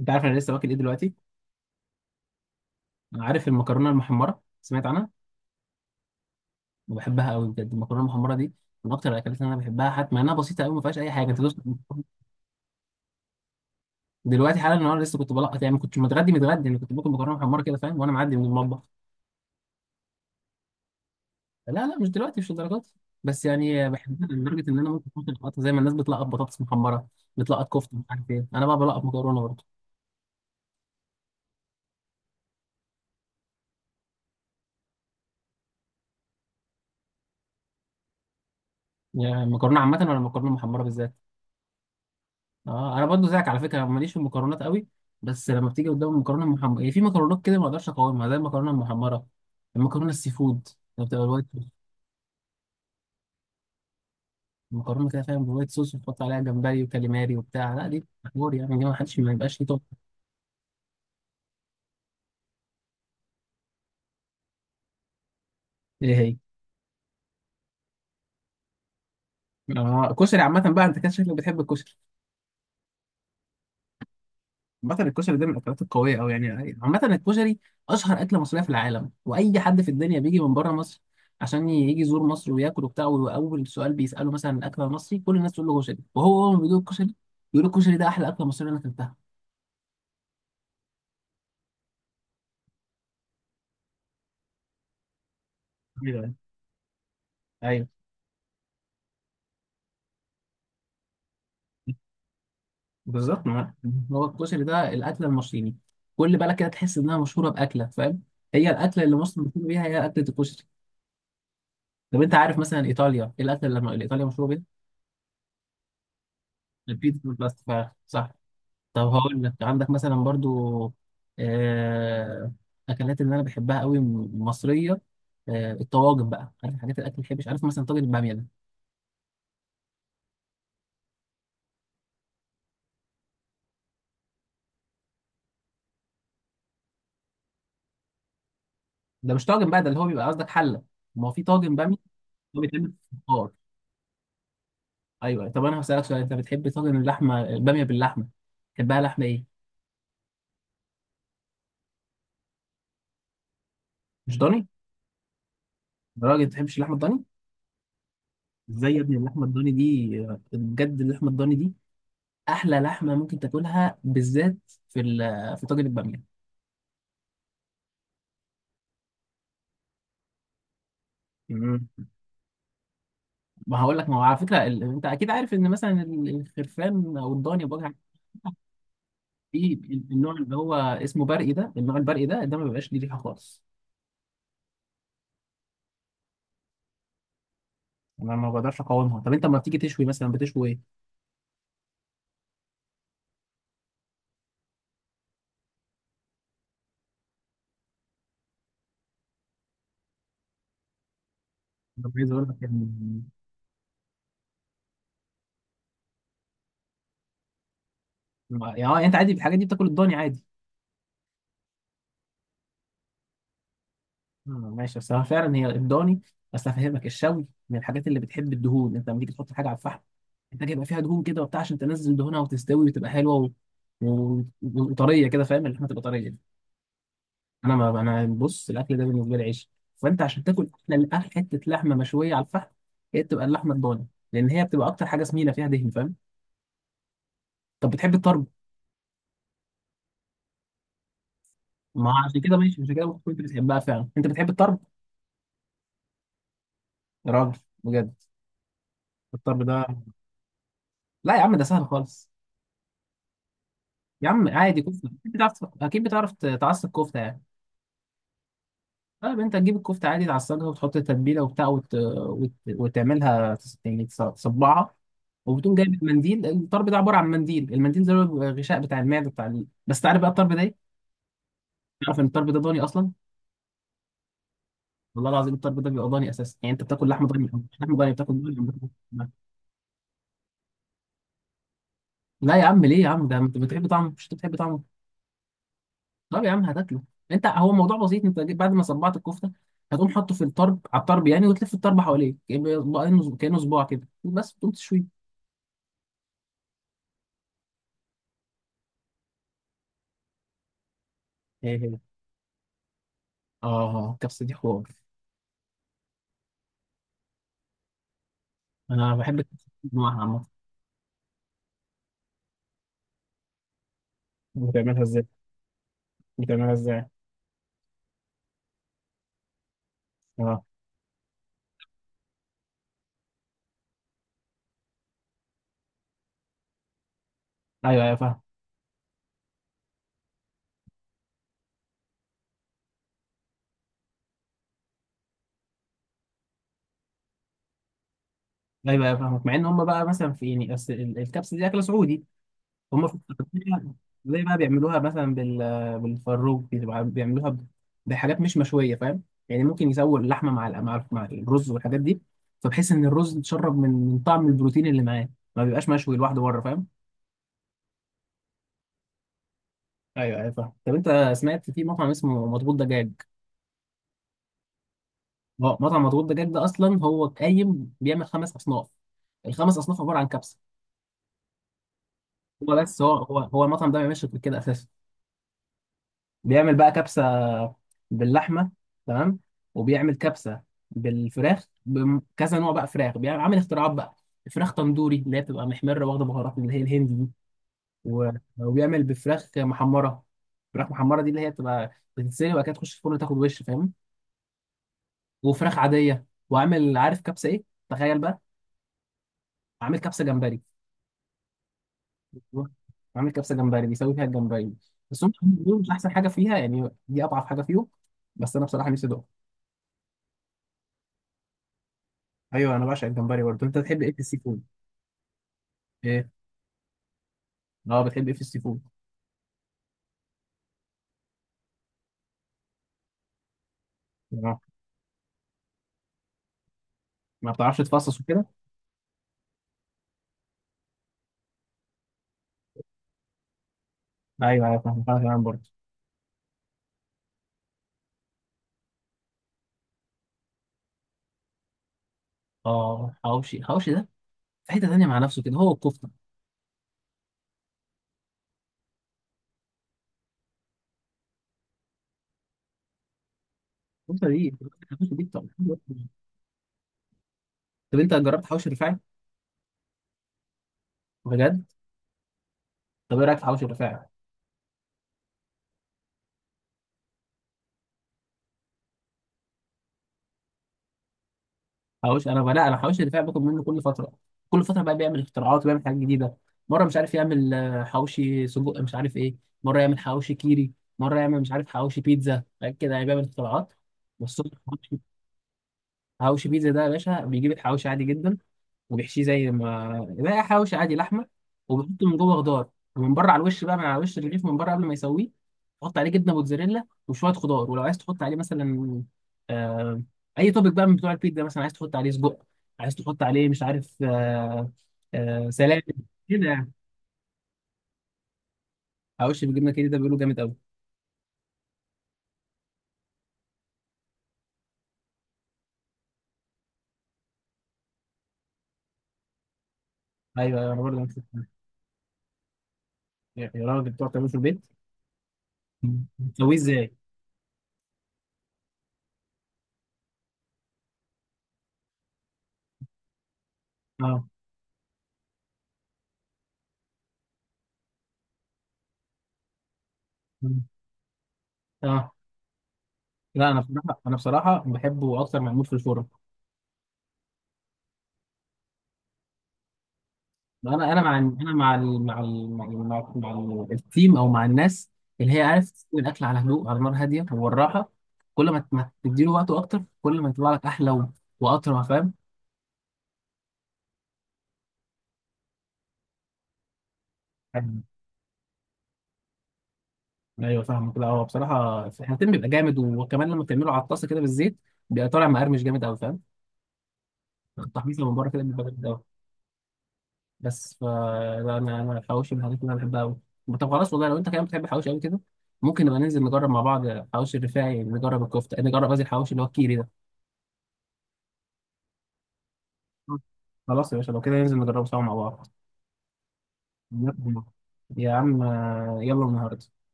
انت عارف انا لسه واكل ايه دلوقتي؟ انا عارف المكرونه المحمره، سمعت عنها. وبحبها قوي، بجد المكرونه المحمره دي من اكتر الاكلات اللي انا بحبها، حتى مع انها بسيطه قوي، ما فيهاش اي حاجه. انت دوست دلوقتي حالا؟ النهارده لسه كنت بلقط، يعني ما كنتش متغدي متغدي، انا كنت باكل مكرونه محمره كده، فاهم؟ وانا معدي من المطبخ. لا لا، مش دلوقتي، مش للدرجات دي. بس يعني بحبها لدرجه ان انا ممكن اكل لقطه، زي ما الناس بتلقط بطاطس محمره، بتلقط كفته، مش عارف ايه، انا بقى بلقط مكرونه برضه. يعني مكرونه عامه ولا مكرونه محمره بالذات؟ اه، انا برضو زيك على فكره، ماليش في المكرونات قوي. بس لما بتيجي قدام المكرونه المحمره، هي في مكرونات كده ما اقدرش اقاومها زي المكرونه المحمره. المكرونه السي فود، اللي بتبقى الوايت صوص. المكرونه كده فاهم، بالوايت صوص، وتحط عليها جمبري وكاليماري وبتاع، لا دي حوار يعني، دي ما حدش ما يبقاش ليه طاقه. ايه هي؟ آه، كشري عامه بقى، انت كده شكلك بتحب الكشري. عامة الكشري ده من الأكلات القوية أوي يعني. عامة الكشري أشهر أكلة مصرية في العالم، وأي حد في الدنيا بيجي من بره مصر عشان يجي يزور مصر وياكل وبتاع، وأول سؤال بيسأله مثلا الأكل المصري، كل الناس تقول له كشري، وهو أول ما بيدوق الكشري بيقول الكشري ده أحلى أكلة مصرية أنا أكلتها. ايوه، ايوه، بالظبط. ما هو الكشري ده الأكلة المصرية، كل بالك كده تحس إنها مشهورة بأكلة، فاهم؟ هي الأكلة اللي مصر مشهورة بيها هي أكلة الكشري. طب أنت عارف مثلا إيطاليا إيه الأكلة اللي إيطاليا مشهورة بيها؟ البيتزا بالباستا، صح. طب هقول لك عندك مثلا برضو آه، اكلات اللي انا بحبها قوي مصريه. الطواجن بقى، عارف حاجات الاكل اللي بحبش؟ عارف مثلا طاجن الباميه ده؟ ده مش طاجن بقى، ده اللي هو بيبقى قصدك حله. ما هو في طاجن باميه، هو بيتعمل في فخار. ايوه، أيوة. طب انا هسالك سؤال، انت بتحب طاجن اللحمه، الباميه باللحمه، بتحبها لحمه ايه؟ مش ضاني؟ يا راجل، ما بتحبش اللحمه الضاني؟ ازاي يا ابني، اللحمه الضاني دي، بجد اللحمه الضاني دي احلى لحمه ممكن تاكلها، بالذات في طاجن الباميه. ما هقول لك، ما هو على فكره انت اكيد عارف ان مثلا الخرفان او الضاني بوجه عام، في النوع اللي هو اسمه برقي، ده النوع البرقي ده ما بيبقاش ليه ريحه خالص. انا ما بقدرش اقاومها. طب انت لما بتيجي تشوي مثلا بتشوي ايه؟ طب عايز اقول لك يعني انت عادي الحاجات دي بتاكل الضاني عادي. ماشي، بس هو فعلا هي الضاني. بس هفهمك، الشوي من الحاجات اللي بتحب الدهون، انت لما تيجي تحط حاجه على الفحم محتاج يبقى فيها دهون كده وبتاع، عشان تنزل دهونها وتستوي وتبقى حلوه وطريه كده، فاهم؟ اللحمه تبقى طريه. انا ما انا بص، الاكل ده بالنسبه لي عيش، فانت عشان تاكل احلى حته لحمه مشويه على الفحم هي بتبقى اللحمه الضاني، لان هي بتبقى اكتر حاجه سمينه فيها دهن، فاهم؟ طب بتحب الطرب؟ ما عشان كده ماشي، عشان كده ممكن كنت بتحبها فعلا، انت بتحب الطرب، يا راجل، بجد، الطرب ده. لا يا عم، ده سهل خالص. يا عم عادي، كفته، اكيد بتعرف تعصب كفته يعني. اه، انت تجيب الكفته عادي، تعصجها وتحط التتبيله وبتاع، وتعملها يعني تصبعها. وبتقوم جايب المنديل، الطرب ده عباره عن منديل، المنديل ده اللي هو بيبقى الغشاء بتاع المعده، بتاع بس تعرف بقى الطرب ده ايه؟ تعرف ان الطرب ده ضاني اصلا؟ والله العظيم الطرب ده بيبقى ضاني اساسا، يعني انت بتاكل لحم ضاني. مش لحم ضاني، بتاكل ضاني. بتاكل- لا يا عم، ليه يا عم؟ ده انت بتحب طعمه، مش انت بتحب طعمه؟ طب يا عم هتاكله. انت هو الموضوع بسيط، انت بعد ما صبعت الكفته هتقوم حاطه في الطرب، على الطرب يعني، وتلف الطرب حواليه كانه صباع كده، بس تقوم تشويه. اه، الكبسة دي حوار. انا بحب الكبسة، انواعها عامة. بتعملها ازاي؟ بتعملها ازاي؟ اه. ايوه، ايوه، فاهم. ايوه، ايوه، فاهمك. مع ان هم بقى مثلا، في يعني أصل الكبسة دي اكلة سعودي، هم في السعودية. زي بقى بيعملوها مثلا بالفروج، بتبقى بيعملوها بحاجات مش مشوية، فاهم؟ يعني ممكن يسووا اللحمة مع الرز والحاجات دي، فبحس ان الرز اتشرب من طعم البروتين اللي معاه، ما بيبقاش مشوي لوحده بره، فاهم؟ ايوه، ايوه، فاهم. طب انت سمعت في مطعم اسمه مضبوط دجاج؟ اه، مطعم مضغوط دجاج ده اصلا هو قايم بيعمل 5 اصناف. ال5 اصناف عباره عن كبسه. هو بس هو المطعم ده ما بيعملش غير كده اساسا. بيعمل بقى كبسه باللحمه، تمام، وبيعمل كبسه بالفراخ بكذا نوع بقى، فراخ بيعمل، عامل اختراعات بقى. فراخ تندوري اللي هي بتبقى محمره واخده بهارات، اللي هي الهندي دي، و- وبيعمل بفراخ محمره. فراخ محمره دي اللي هي بتبقى بتتسلق وبعد كده تخش الفرن تاخد وش، فاهم؟ وفراخ عاديه. وعامل، عارف كبسه ايه؟ تخيل بقى، عامل كبسه جمبري. عامل كبسه جمبري بيسوي فيها الجمبري. بس هم عاملين دول مش احسن حاجه فيها، يعني دي اضعف حاجه فيهم. بس انا بصراحه نفسي ادوق. ايوه، انا بعشق الجمبري برضه. انت بتحب ايه في السي فود؟ ايه؟ اه، بتحب ايه في السي فود؟ اه، ما بتعرفش تفصص وكده؟ ايوه، ايوه، فاهم. انا كمان برضه. اه، حواوشي، حواوشي ده في حته تانيه مع نفسه كده، هو الكفته. الكفته دي، الكفته دي بتبقى حلوة أوي. طب انت جربت حواوشي الرفاعي؟ بجد؟ طب ايه رايك في حواوشي الرفاعي؟ حوش انا بقى لا انا حوش الدفاع باخد منه كل فتره، كل فتره بقى بيعمل اختراعات وبيعمل حاجات جديده. مره مش عارف يعمل حوشي سجق، مش عارف ايه. مره يعمل حوشي كيري. مره يعمل مش عارف حوشي بيتزا، حاجات كده يعني بيعمل اختراعات. بس هو حوشي. حوشي بيتزا ده يا باشا، بيجيب الحوشي عادي جدا وبيحشيه زي ما لا، حواوشي عادي لحمه، وبيحط من جوه خضار، ومن بره على الوش بقى، من على وش الرغيف من بره قبل ما يسويه، تحط عليه جبنه موتزاريلا وشويه خضار، ولو عايز تحط عليه مثلا آه اي توبك بقى من بتوع البيتزا، مثلا عايز تحط عليه سجق، عايز تحط عليه مش عارف، آه سلام. كده يعني، حواوشي بالجبنه كده، ده بيقولوا جامد قوي. ايوه، ايوه، انا برضه نفس الكلام. يا راجل، بتوع تعمله في البيت؟ بتسويه ازاي؟ اه، اه، لا، انا بصراحه، بحبه اكتر معمول في الفرن. انا انا مع انا مع ال مع ال مع مع التيم او مع الناس اللي هي عارف تسوي الاكل على هدوء، على نار هاديه والراحه. كل ما تديله وقته اكتر كل ما يطلع لك احلى واطرى، فاهم؟ فاهم. ايوه، فاهم كده. هو بصراحه التيم بيبقى جامد، وكمان لما تعمله على الطاسه كده بالزيت بيبقى طالع مقرمش جامد قوي، فاهم؟ التحميص اللي من بره كده بيبقى جامد قوي. بس لا، انا الحواوشي من الحاجات اللي انا بحبها قوي. طب خلاص، والله لو انت كمان بتحب الحواوشي قوي كده ممكن نبقى ننزل نجرب مع بعض حواوشي الرفاعي، نجرب الكفته، نجرب قصدي الحواوشي اللي هو الكيري ده. خلاص يا باشا، لو كده ننزل نجربه سوا مع بعض. يلا. يا عم، يلا النهارده.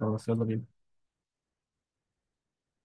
خلاص يلا بينا.